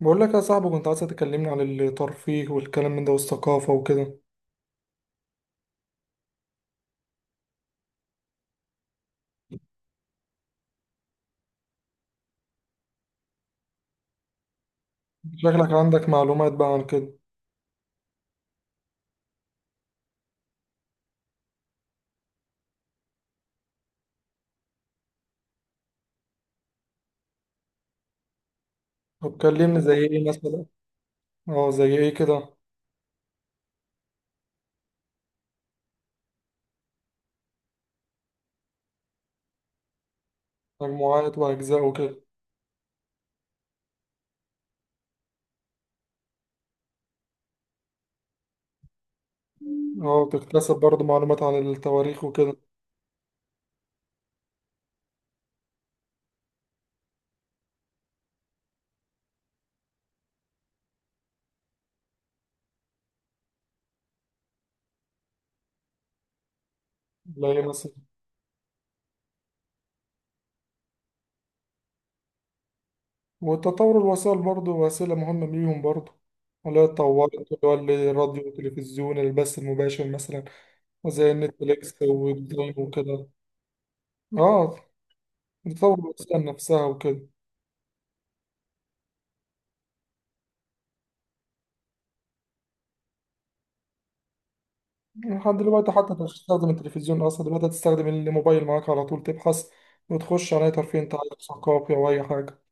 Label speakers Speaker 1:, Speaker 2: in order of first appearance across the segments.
Speaker 1: بقول لك يا صاحبي، كنت عايز تكلمني عن الترفيه والكلام من ده والثقافة وكده. شكلك عندك معلومات بقى عن كده. طب كلمني زي ايه مثلا. اه زي ايه كده. مجموعات وأجزاء وكده. اه تكتسب برضه معلومات عن التواريخ وكده. لا ايه مثلا. والتطور الوسائل برضه وسيلة مهمة ليهم برضه، ولا اتطورت اللي هو الراديو والتلفزيون البث المباشر مثلا. وزي النتفليكس والدرايف وكده. اه تطور الوسائل نفسها وكده. لحد دلوقتي حتى انت مش هتستخدم التلفزيون اصلا، دلوقتي هتستخدم الموبايل معاك على طول تبحث وتخش على اي ترفيه انت عايزه ثقافي او اي حاجه.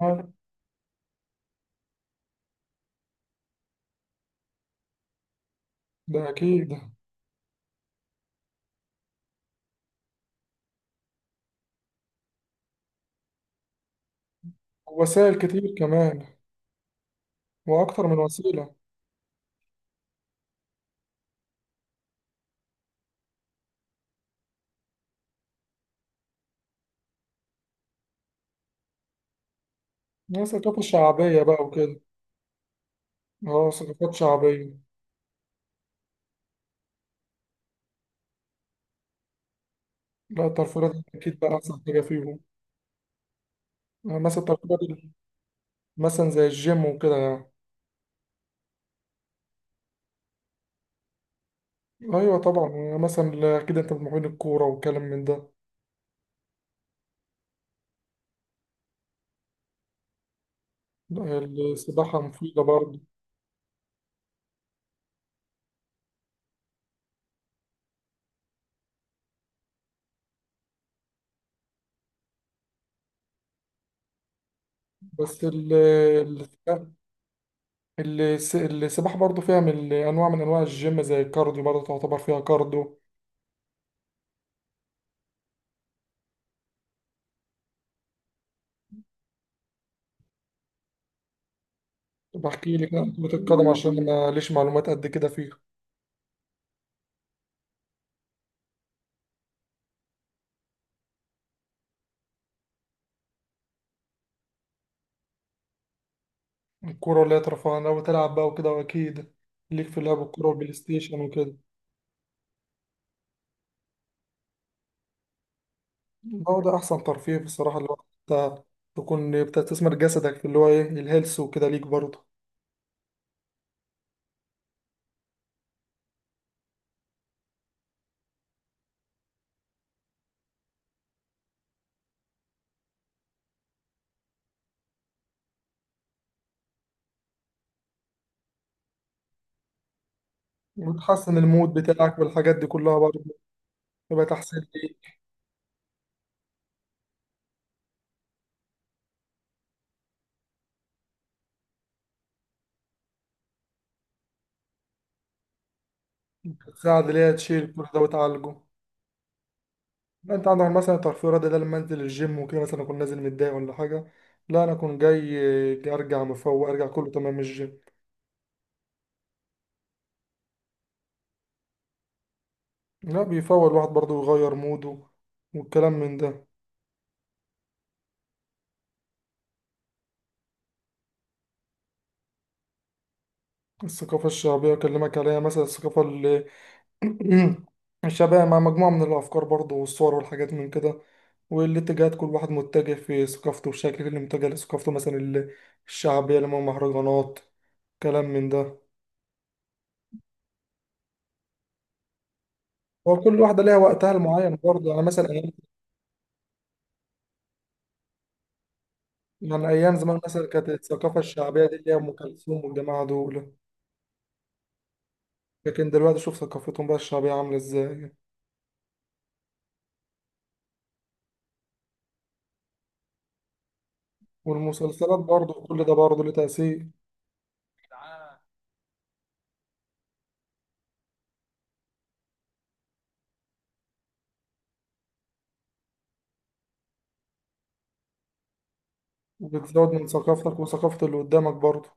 Speaker 1: آه، ده اكيد. وسائل كتير كمان. واكتر من وسيله. يعني ثقافه شعبيه بقى وكده. اه ثقافات شعبيه. لا الترفيهات دي اكيد بقى احسن حاجه فيهم. آه، مثلا الترفيهات مثلا زي الجيم وكده يعني. ايوه طبعا، يعني مثلا اكيد انت بتمرين الكوره والكلام من ده. السباحه مفيده برضه. بس السباحة برضو فيها من أنواع من أنواع الجيم زي الكارديو، برضو تعتبر فيها كارديو. بحكي لك عن كرة القدم عشان أنا ليش معلومات قد كده فيها. الكورة اللي هي ترفيه أنا بتلعب بقى وكده، وأكيد ليك في لعب الكورة والبلاي ستيشن وكده. هو ده أحسن ترفيه بصراحة اللي هو أنت تكون بتستثمر جسدك في اللي هو إيه الهيلث وكده ليك برضه. وتحسن المود بتاعك والحاجات دي كلها برضه، يبقى تحسين ليك. بتساعد اللي هي تشيل كل ده وتعالجه. لا انت عندك مثلا الترفيه الرياضي ده، لما انزل الجيم وكده مثلا اكون نازل متضايق ولا حاجه. لا انا اكون جاي ارجع مفوق، ارجع كله تمام من الجيم. لا بيفوق الواحد برضه يغير موده والكلام من ده. الثقافه الشعبيه اكلمك عليها مثلا، الثقافه الشعبيه مع مجموعه من الافكار برضه والصور والحاجات من كده. والاتجاهات كل واحد متجه في ثقافته، والشكل اللي متجه لثقافته مثلا الشعبيه اللي هم مهرجانات كلام من ده. وكل واحدة ليها وقتها المعين برضه، يعني مثلا. يعني أيام زمان مثلا كانت الثقافة الشعبية دي اللي هي أم كلثوم والجماعة دول. لكن دلوقتي شوف ثقافتهم بقى الشعبية عاملة إزاي. والمسلسلات برضه كل ده برضه ليه تأثير. وبتزود من ثقافتك وثقافة اللي قدامك برضه.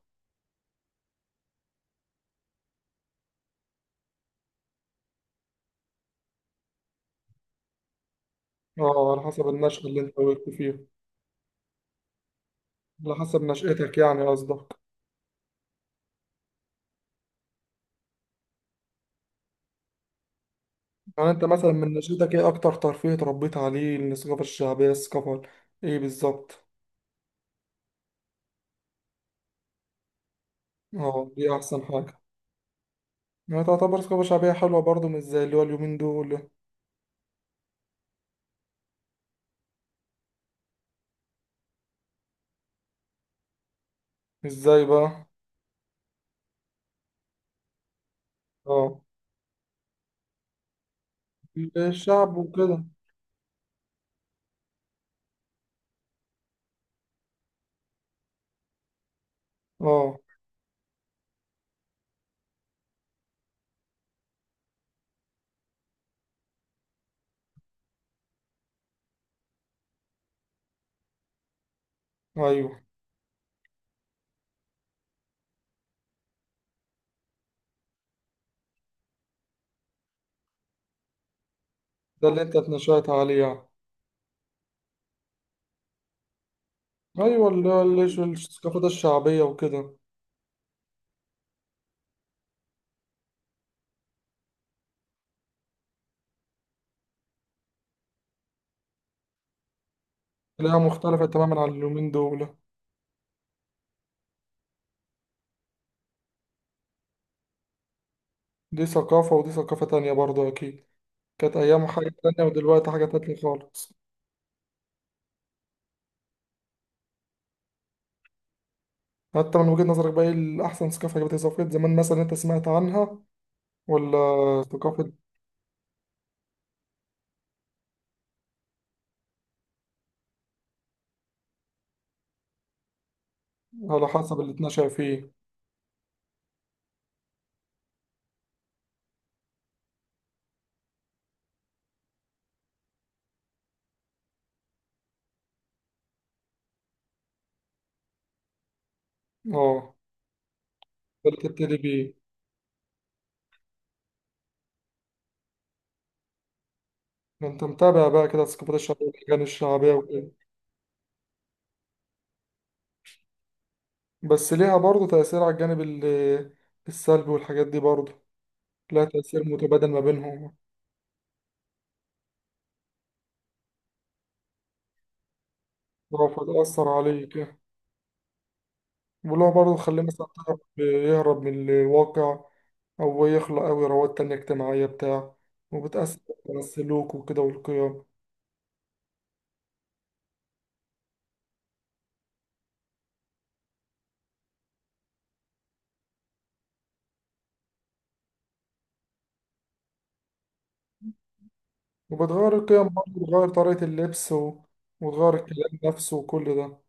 Speaker 1: اه على حسب النشأة اللي أنت وقفت فيها. على حسب نشأتك يعني قصدك. يعني أنت مثلا من نشأتك إيه أكتر ترفيه اتربيت عليه من الثقافة الشعبية، الثقافة إيه بالظبط؟ اه دي أحسن حاجة. يعني تعتبر ثقافة شعبية حلوة برضه، مش زي اللي هو اليومين دول. إزاي بقى؟ اه للشعب وكده. اه ايوه ده اللي انت اتنشأت عليه يعني. ايوه اللي هو الثقافات الشعبية وكده. تلاقيها مختلفة تماما عن اليومين دول. دي ثقافة ودي ثقافة تانية برضه أكيد. كانت أيام حاجة تانية، ودلوقتي حاجة تانية خالص. حتى من وجهة نظرك بقى، إيه الأحسن ثقافة؟ كانت ثقافة زمان مثلا أنت سمعت عنها، ولا ثقافة على حسب اللي اتنشأ فيه. اه ده اللي تبتدي بيه. ده أنت متابع بقى كده الثقافات الشعبية والأغاني الشعبية وكده. بس ليها برضه تأثير على الجانب السلبي والحاجات دي برضه. لها تأثير متبادل ما بينهم. اه فتأثر عليك. واللي هو برضه تخليه مثلا تعرف يهرب من الواقع. أو يخلق أوي روابط تانية اجتماعية بتاع. وبتأثر على السلوك وكده والقيم. وبتغير القيم برضه، بتغير طريقة اللبس و... وتغير الكلام نفسه وكل ده.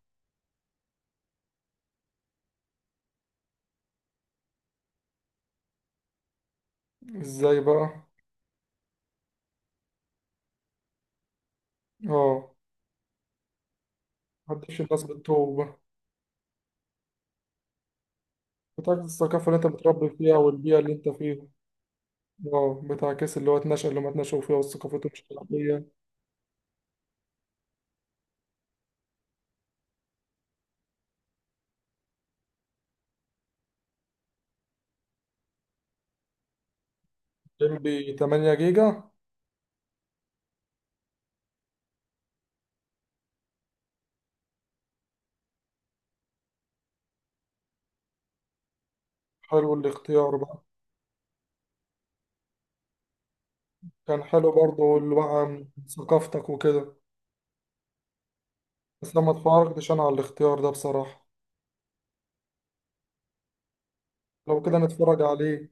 Speaker 1: ازاي بقى؟ اه محدش الناس بالتوبة. بتعكس الثقافة اللي انت متربي فيها والبيئة اللي انت فيها. اه بتاع كاس اللي هو اتنشأ اللي ما اتنشأوا فيها وثقافته مش شعبية. جنبي 8 جيجا. حلو الاختيار بقى. كان حلو برضه اللي بقى من ثقافتك وكده. بس لما اتفرجتش انا على الاختيار ده بصراحة. لو كده نتفرج عليه.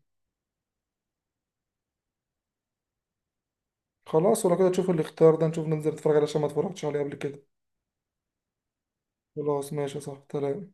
Speaker 1: خلاص، ولو كده تشوف الاختيار ده نشوف ننزل نتفرج عليه عشان ما اتفرجتش عليه قبل كده. خلاص ماشي صح تمام.